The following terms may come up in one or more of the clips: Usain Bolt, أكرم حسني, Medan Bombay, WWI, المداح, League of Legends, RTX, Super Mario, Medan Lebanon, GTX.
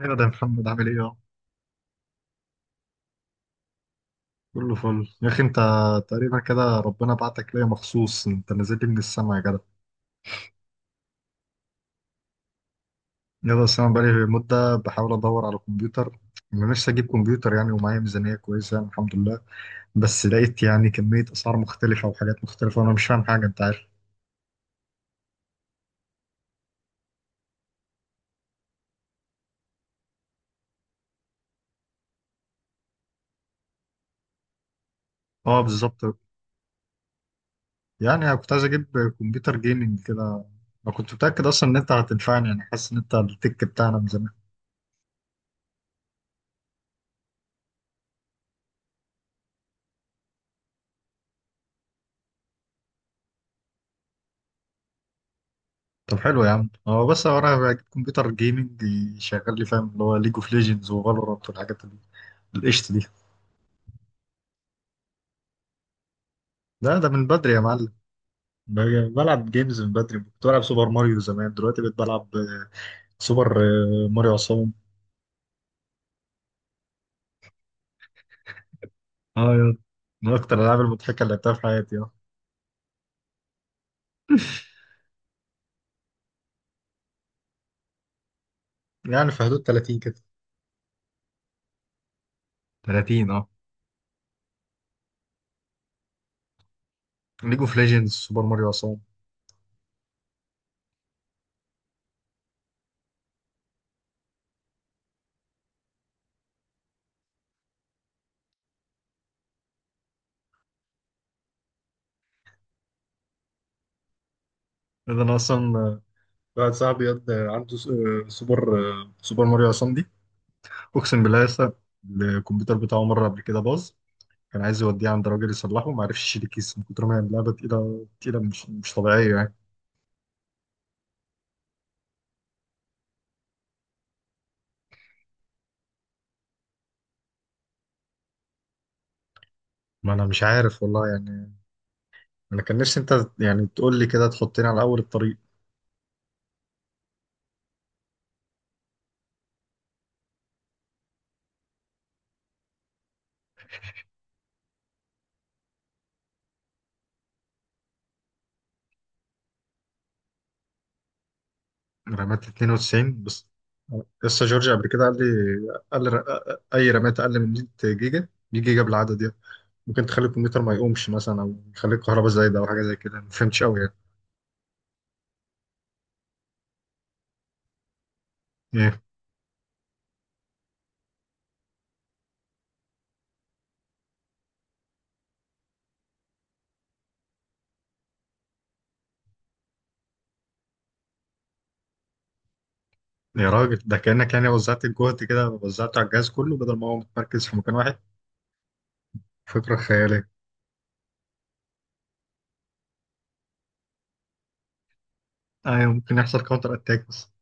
ايوه، ده محمد عامل ايه اهو. كله فل يا اخي انت. تقريبا كده ربنا بعتك ليا مخصوص، انت نزلت لي من السما يا جدع. يا ده انا بقالي مده بحاول ادور على كمبيوتر. انا نفسي اجيب كمبيوتر يعني، ومعايا ميزانيه كويسه يعني، الحمد لله. بس لقيت يعني كميه اسعار مختلفه وحاجات مختلفه، وانا مش فاهم حاجه، انت عارف. اه، بالظبط. يعني انا كنت عايز اجيب كمبيوتر جيمنج كده. انا كنت متاكد اصلا ان انت هتنفعني، يعني حاسس ان انت التك بتاعنا من زمان. طب حلو يا عم، هو بس هو انا بجيب كمبيوتر جيمنج يشغل لي فاهم اللي هو ليج اوف ليجندز وفالورانت، والحاجات القشط دي. لا، ده من بدري يا معلم. بلعب جيمز من بدري. كنت بلعب سوبر ماريو زمان، دلوقتي بقيت بلعب سوبر ماريو عصام. اه يا، من اكتر الالعاب المضحكه اللي لعبتها في حياتي، اه. يعني في حدود 30 كده. 30، اه. ليج اوف ليجندز، سوبر ماريو عصام. إذا انا اصلا واحد صاحبي عنده سوبر ماريو عصام دي، اقسم بالله. لسه الكمبيوتر بتاعه مره قبل كده باظ، كان عايز يوديه عند راجل يصلحه، ما عرفش يشيل الكيس من كتر ما هي اللعبه تقيله تقيله، مش طبيعيه يعني. ما انا مش عارف والله يعني. انا كان نفسي انت يعني تقول لي كده، تحطني على اول الطريق. رمات 92 بس؟ لسه جورج قبل كده قال لي، قال لي اي رمات اقل من 100 جيجا، 100 جيجا بالعدد يعني، ممكن تخلي الكمبيوتر ما يقومش مثلا، او يخلي الكهرباء زايده، او حاجه زي كده، ما فهمتش قوي يعني. ايه؟ يا راجل، ده كانك يعني وزعت الجهد كده، وزعته على الجهاز كله بدل ما هو متمركز في مكان واحد. فكره خياليه. ايوه، ممكن يحصل كاونتر اتاك بس.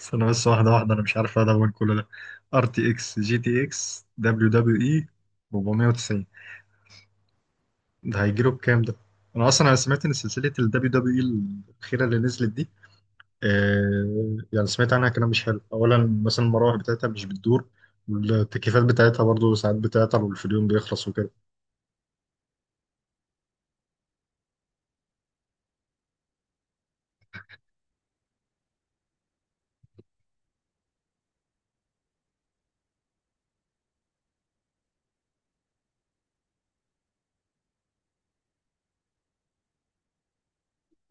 استنى بس، واحدة واحدة، أنا مش عارف أدون كل ده. ار تي اكس جي تي اكس دبليو دبليو اي 490. ده هيجيله بكام ده؟ أنا أصلا أنا سمعت إن سلسلة ال دبليو دبليو اي الأخيرة اللي نزلت دي، آه يعني سمعت عنها كلام مش حلو. أولا مثلا المراوح بتاعتها مش بتدور، والتكييفات بتاعتها برضه ساعات بتعطل، والفيديو بيخلص وكده.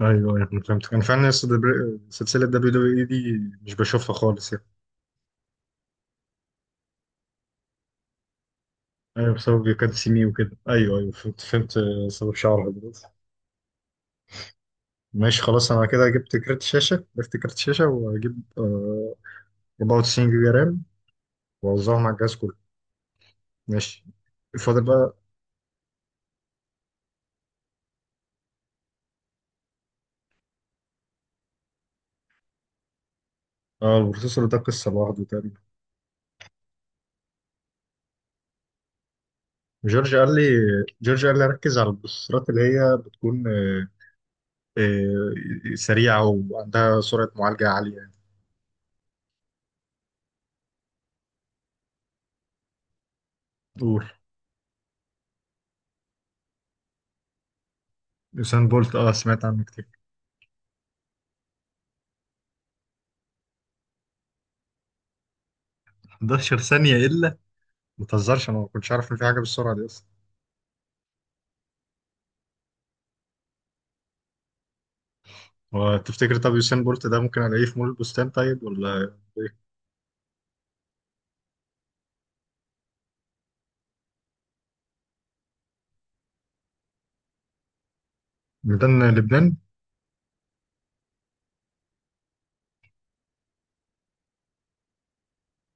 ايوه ايوه، أنا فهمتك. انا فعلا لسه سلسله دبليو دبليو اي دي مش بشوفها خالص يعني. ايوه، بسبب كاتسيمي وكده، ايوه ايوه، فهمت فهمت، سبب شعرها دلوقتي. ماشي خلاص. انا كده جبت كارت شاشه، واجيب 94 جيجا رام، واوزعهم على الجهاز كله. ماشي. فاضل بقى. اه، البروسيسور ده قصه لوحده تقريبا. جورج قال لي جورج قال لي ركز على البروسيسورات اللي هي بتكون سريعه وعندها سرعه معالجه عاليه يعني. قول. يوسين بولت، اه سمعت عنه كتير. 11 ثانيه الا؟ ما تهزرش، انا ما كنتش عارف ان في حاجه بالسرعه دي اصلا. وتفتكر طب يوسين بولت ده ممكن الاقيه في مول البستان طيب، ولا ميدان لبنان؟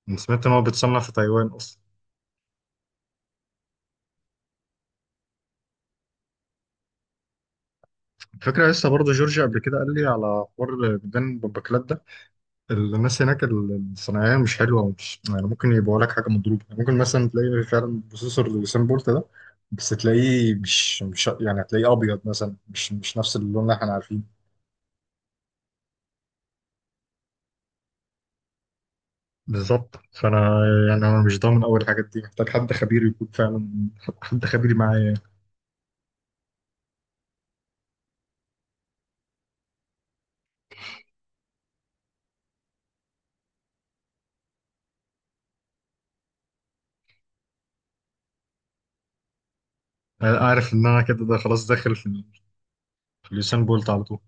أنا سمعت إن هو بيتصنع في تايوان أصلا. فكرة. لسه برضه جورجيا قبل كده قال لي على حوار ميدان بمبكلات ده، الناس هناك الصناعية مش حلوة ومش يعني، ممكن يبيعوا لك حاجة مضروبة، يعني ممكن مثلا تلاقي فعلا بروسيسور لوسين بولت ده، بس تلاقيه مش يعني، هتلاقيه أبيض مثلا، مش نفس اللون اللي احنا عارفينه. بالظبط، فأنا يعني أنا مش ضامن أول الحاجات دي، محتاج حد خبير معايا يعني. أنا عارف إن أنا كده ده خلاص داخل في اليوسين بولت على طول.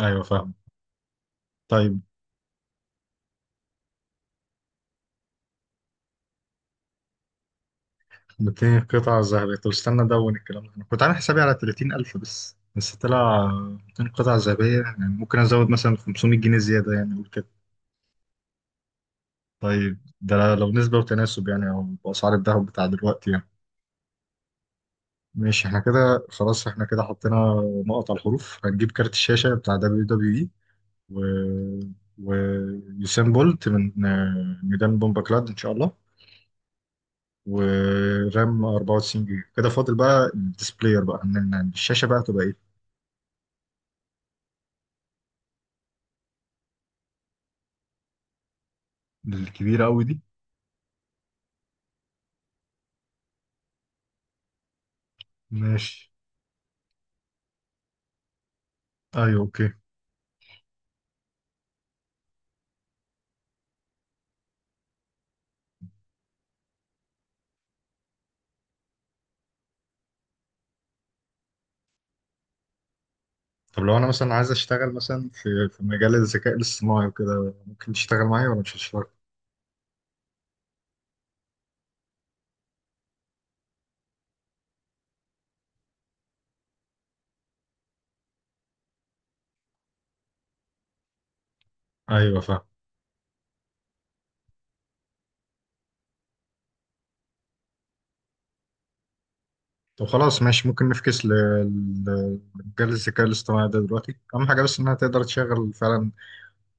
أيوه، فاهم. طيب، 200 قطعة ذهبية؟ طب استنى أدون الكلام ده، أنا كنت عامل حسابي على 30,000، بس طلع 200 قطعة ذهبية، يعني ممكن أزود مثلا 500 جنيه زيادة، يعني أقول كده. طيب ده لو نسبة وتناسب يعني، أو بأسعار الذهب بتاع دلوقتي يعني. ماشي، احنا كده خلاص. احنا كده حطينا نقط على الحروف. هنجيب كارت الشاشة بتاع دبليو دبليو إي، و، ويوسين بولت من ميدان بومباكلاد إن شاء الله. ورام 94 جيجا. كده فاضل بقى الديسبلاير بقى، إن الشاشة بقى، تبقى الكبيرة أوي دي. ماشي. ايوه، اوكي. طب لو انا مثلا عايز اشتغل مثلا في مجال الذكاء الاصطناعي وكده، ممكن تشتغل معايا ولا مش هتشتغل؟ ايوه، فاهم. طب خلاص ماشي، ممكن نفكس لمجال الذكاء الاصطناعي ده دلوقتي، اهم حاجه بس انها تقدر تشغل فعلا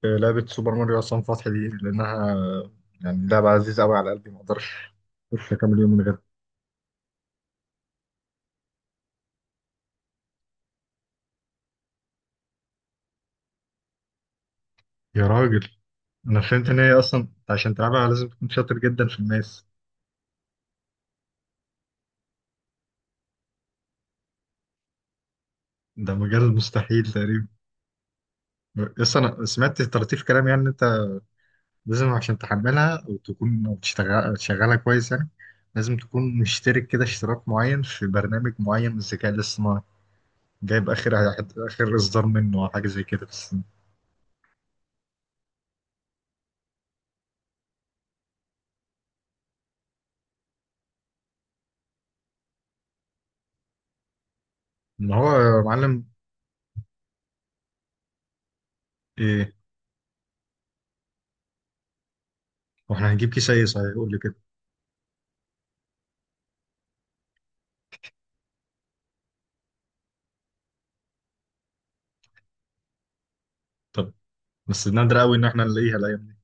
لعبه سوبر ماريو عصام فتحي دي، لانها يعني لعبه عزيزه قوي على قلبي، ما اقدرش اكمل يوم من غيرها. يا راجل، انا فهمت ان هي اصلا عشان تلعبها لازم تكون شاطر جدا في الماس. ده مجال مستحيل تقريبا. بس انا سمعت طراطيف كلام يعني إن انت لازم عشان تحملها وتكون تشتغل شغالها كويس يعني، لازم تكون مشترك كده اشتراك معين في برنامج معين من الذكاء الاصطناعي، جايب اخر اصدار منه او حاجه زي كده بس. ان هو يا معلم. ايه؟ واحنا هنجيب كيس ايه صحيح، يقول لي كده. طب بس نادر قوي ان احنا نلاقيها الايام دي.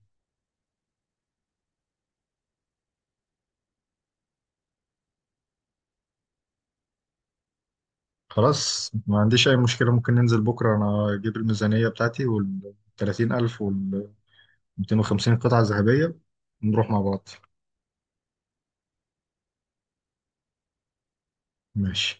خلاص، ما عنديش اي مشكله. ممكن ننزل بكره انا اجيب الميزانيه بتاعتي وال 30,000 وال 250 قطعه ذهبيه، نروح مع بعض. ماشي.